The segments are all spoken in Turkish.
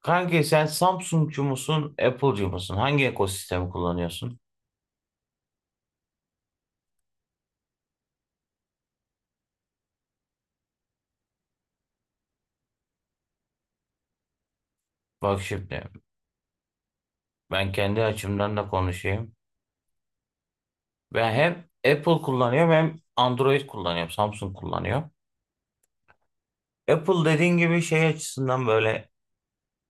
Kanki sen Samsung'cu musun, Apple'cu musun? Hangi ekosistemi kullanıyorsun? Bak şimdi ben kendi açımdan da konuşayım. Ben hem Apple kullanıyorum hem Android kullanıyorum, Samsung kullanıyorum. Apple dediğin gibi şey açısından böyle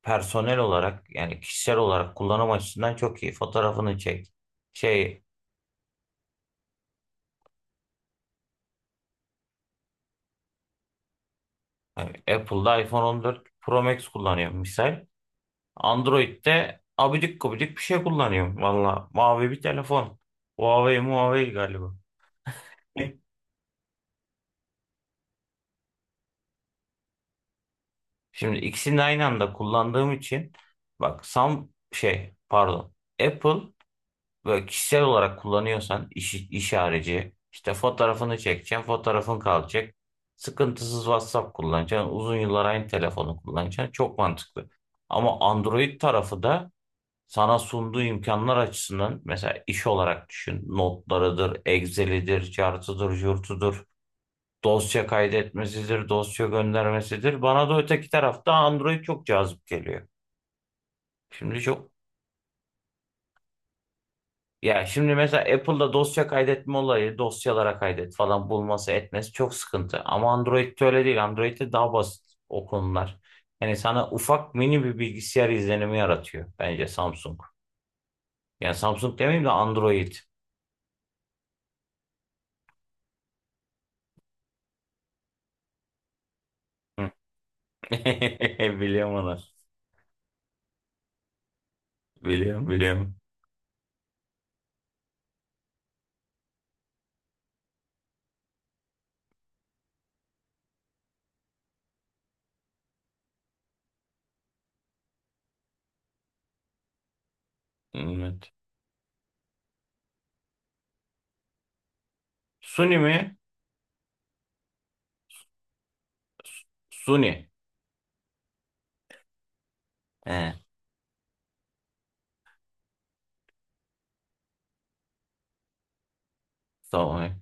personel olarak yani kişisel olarak kullanım açısından çok iyi. Fotoğrafını çek. Şey hani Apple'da iPhone 14 Pro Max kullanıyorum misal. Android'de abidik gubidik bir şey kullanıyorum. Valla mavi bir telefon. Huawei Huawei galiba. Şimdi ikisini aynı anda kullandığım için bak, sam şey pardon, Apple böyle kişisel olarak kullanıyorsan iş, iş harici işte fotoğrafını çekeceksin, fotoğrafın kalacak, sıkıntısız WhatsApp kullanacaksın, uzun yıllar aynı telefonu kullanacaksın, çok mantıklı. Ama Android tarafı da sana sunduğu imkanlar açısından mesela iş olarak düşün: notlarıdır, Excel'idir, chart'ıdır, jurt'udur, dosya kaydetmesidir, dosya göndermesidir. Bana da öteki tarafta Android çok cazip geliyor. Şimdi çok, ya şimdi mesela Apple'da dosya kaydetme olayı, dosyalara kaydet falan bulması etmesi çok sıkıntı. Ama Android'de öyle değil. Android'de daha basit o konular. Yani sana ufak mini bir bilgisayar izlenimi yaratıyor bence Samsung. Yani Samsung demeyeyim de Android. Hı. Biliyorum onu. Biliyorum, biliyorum. Evet. Suni mi? Suni. He, tamam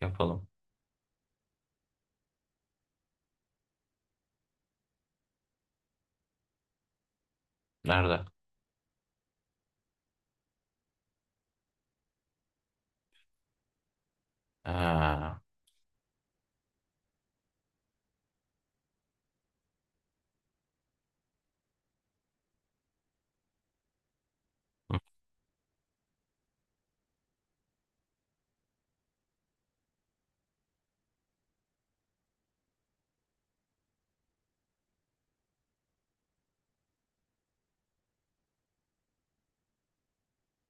yapalım. Nerede? Ha. Hı.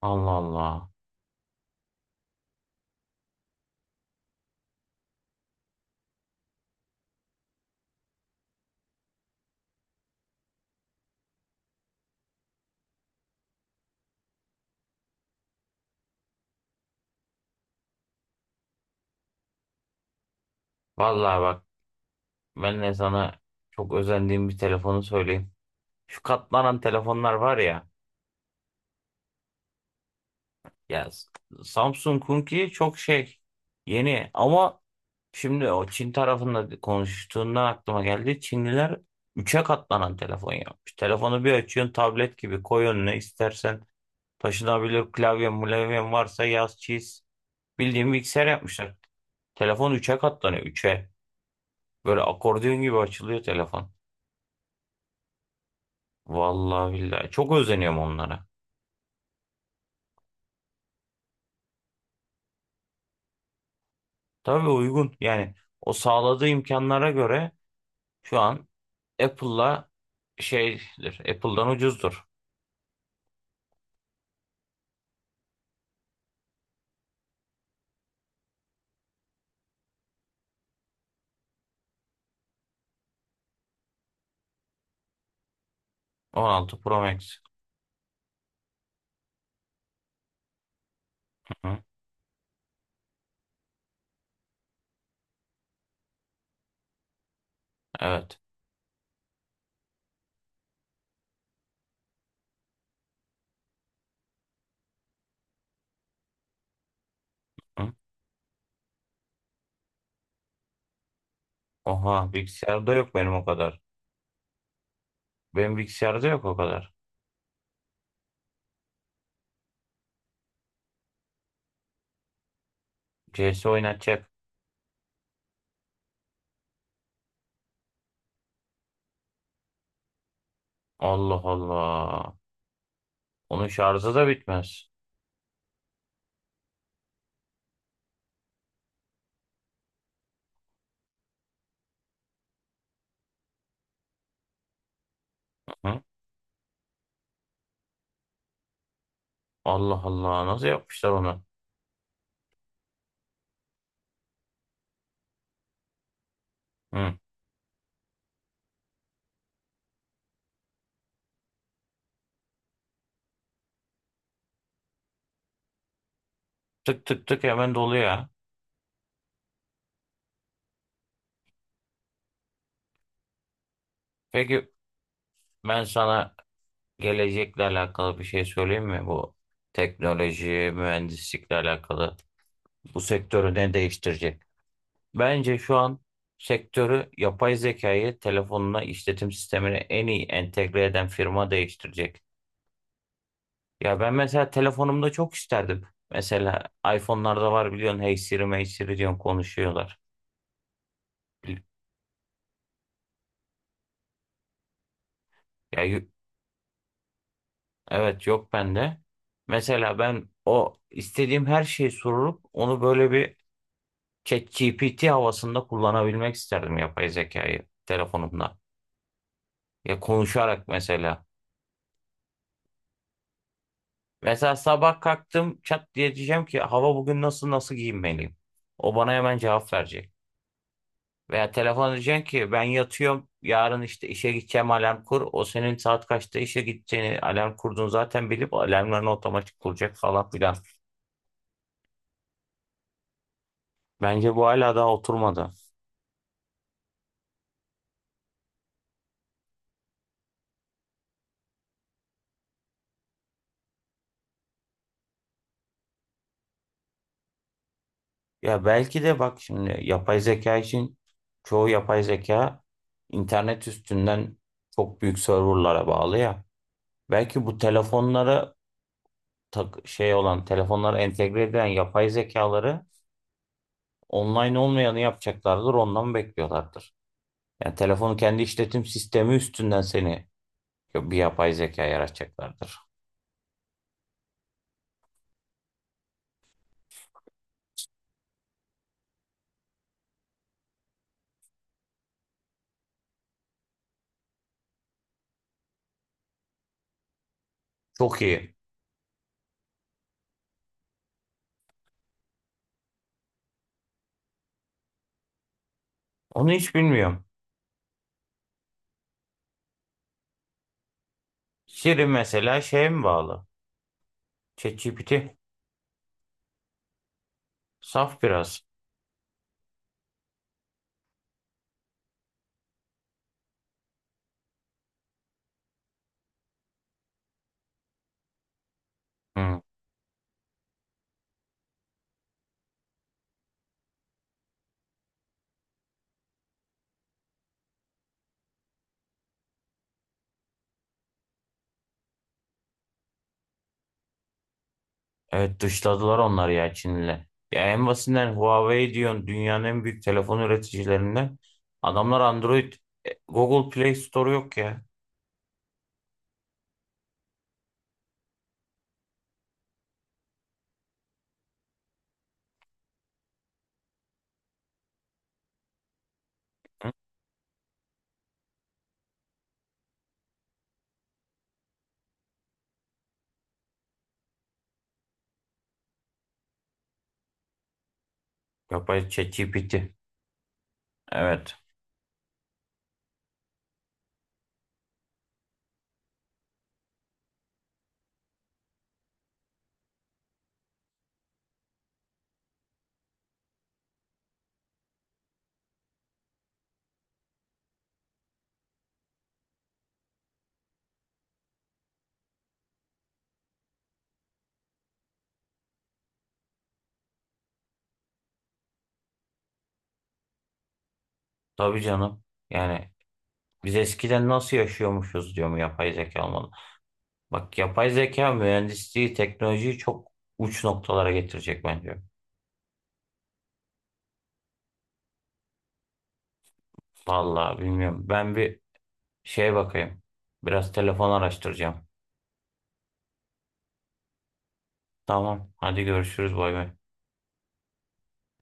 Allah Allah. Vallahi bak, ben de sana çok özendiğim bir telefonu söyleyeyim. Şu katlanan telefonlar var ya. Ya Samsung Kunki çok şey yeni ama şimdi o Çin tarafında konuştuğundan aklıma geldi. Çinliler üçe katlanan telefon yapmış. Telefonu bir açıyorsun, tablet gibi koy önüne, istersen taşınabilir klavye mulevyen varsa yaz çiz. Bildiğin bilgisayar yapmışlar. Telefon üçe katlanıyor. Üçe. Böyle akordeon gibi açılıyor telefon. Vallahi billahi. Çok özeniyorum onlara. Tabii uygun. Yani o sağladığı imkanlara göre şu an Apple'la şeydir. Apple'dan ucuzdur. 16 Pro Max. Hı, evet. Hı. Oha bilgisayarda yok benim o kadar. Benim bilgisayarda yok o kadar. C S oynatacak. Allah Allah. Onun şarjı da bitmez. Hı. Allah Allah. Nasıl yapmışlar onu? Hı. Tık tık tık hemen doluyor, ya. Peki, ben sana gelecekle alakalı bir şey söyleyeyim mi? Bu teknoloji, mühendislikle alakalı bu sektörü ne değiştirecek? Bence şu an sektörü yapay zekayı telefonuna, işletim sistemine en iyi entegre eden firma değiştirecek. Ya ben mesela telefonumda çok isterdim. Mesela iPhone'larda var biliyorsun, Hey Siri, Hey Siri diyorsun konuşuyorlar. Ya evet, yok bende. Mesela ben o istediğim her şeyi sorup onu böyle bir ChatGPT havasında kullanabilmek isterdim yapay zekayı telefonumda. Ya konuşarak mesela. Mesela sabah kalktım, çat diye diyeceğim ki hava bugün nasıl, nasıl giyinmeliyim? O bana hemen cevap verecek. Veya telefon, diyeceğim ki ben yatıyorum, yarın işte işe gideceğim, alarm kur. O senin saat kaçta işe gideceğini, alarm kurduğunu zaten bilip alarmlarını otomatik kuracak falan filan. Bence bu hala daha oturmadı. Ya belki de bak şimdi yapay zeka için çoğu yapay zeka internet üstünden çok büyük serverlara bağlı ya. Belki bu telefonlara tak, şey olan telefonlara entegre edilen yapay zekaları online olmayanı yapacaklardır, ondan bekliyorlardır. Yani telefonun kendi işletim sistemi üstünden seni bir yapay zeka yaratacaklardır. Çok iyi. Onu hiç bilmiyorum. Siri mesela şeye mi bağlı? ChatGPT. Saf biraz. Hı. Evet, dışladılar onları ya Çin'le. Ya en basitinden Huawei diyorsun dünyanın en büyük telefon üreticilerinden. Adamlar Android, Google Play Store yok ya. Hı? Yapay ChatGPT. Evet. Tabii canım. Yani biz eskiden nasıl yaşıyormuşuz diyor mu, yapay zeka olmalı. Bak yapay zeka mühendisliği, teknolojiyi çok uç noktalara getirecek bence. Vallahi bilmiyorum. Ben bir şeye bakayım. Biraz telefon araştıracağım. Tamam. Hadi görüşürüz. Bay bay.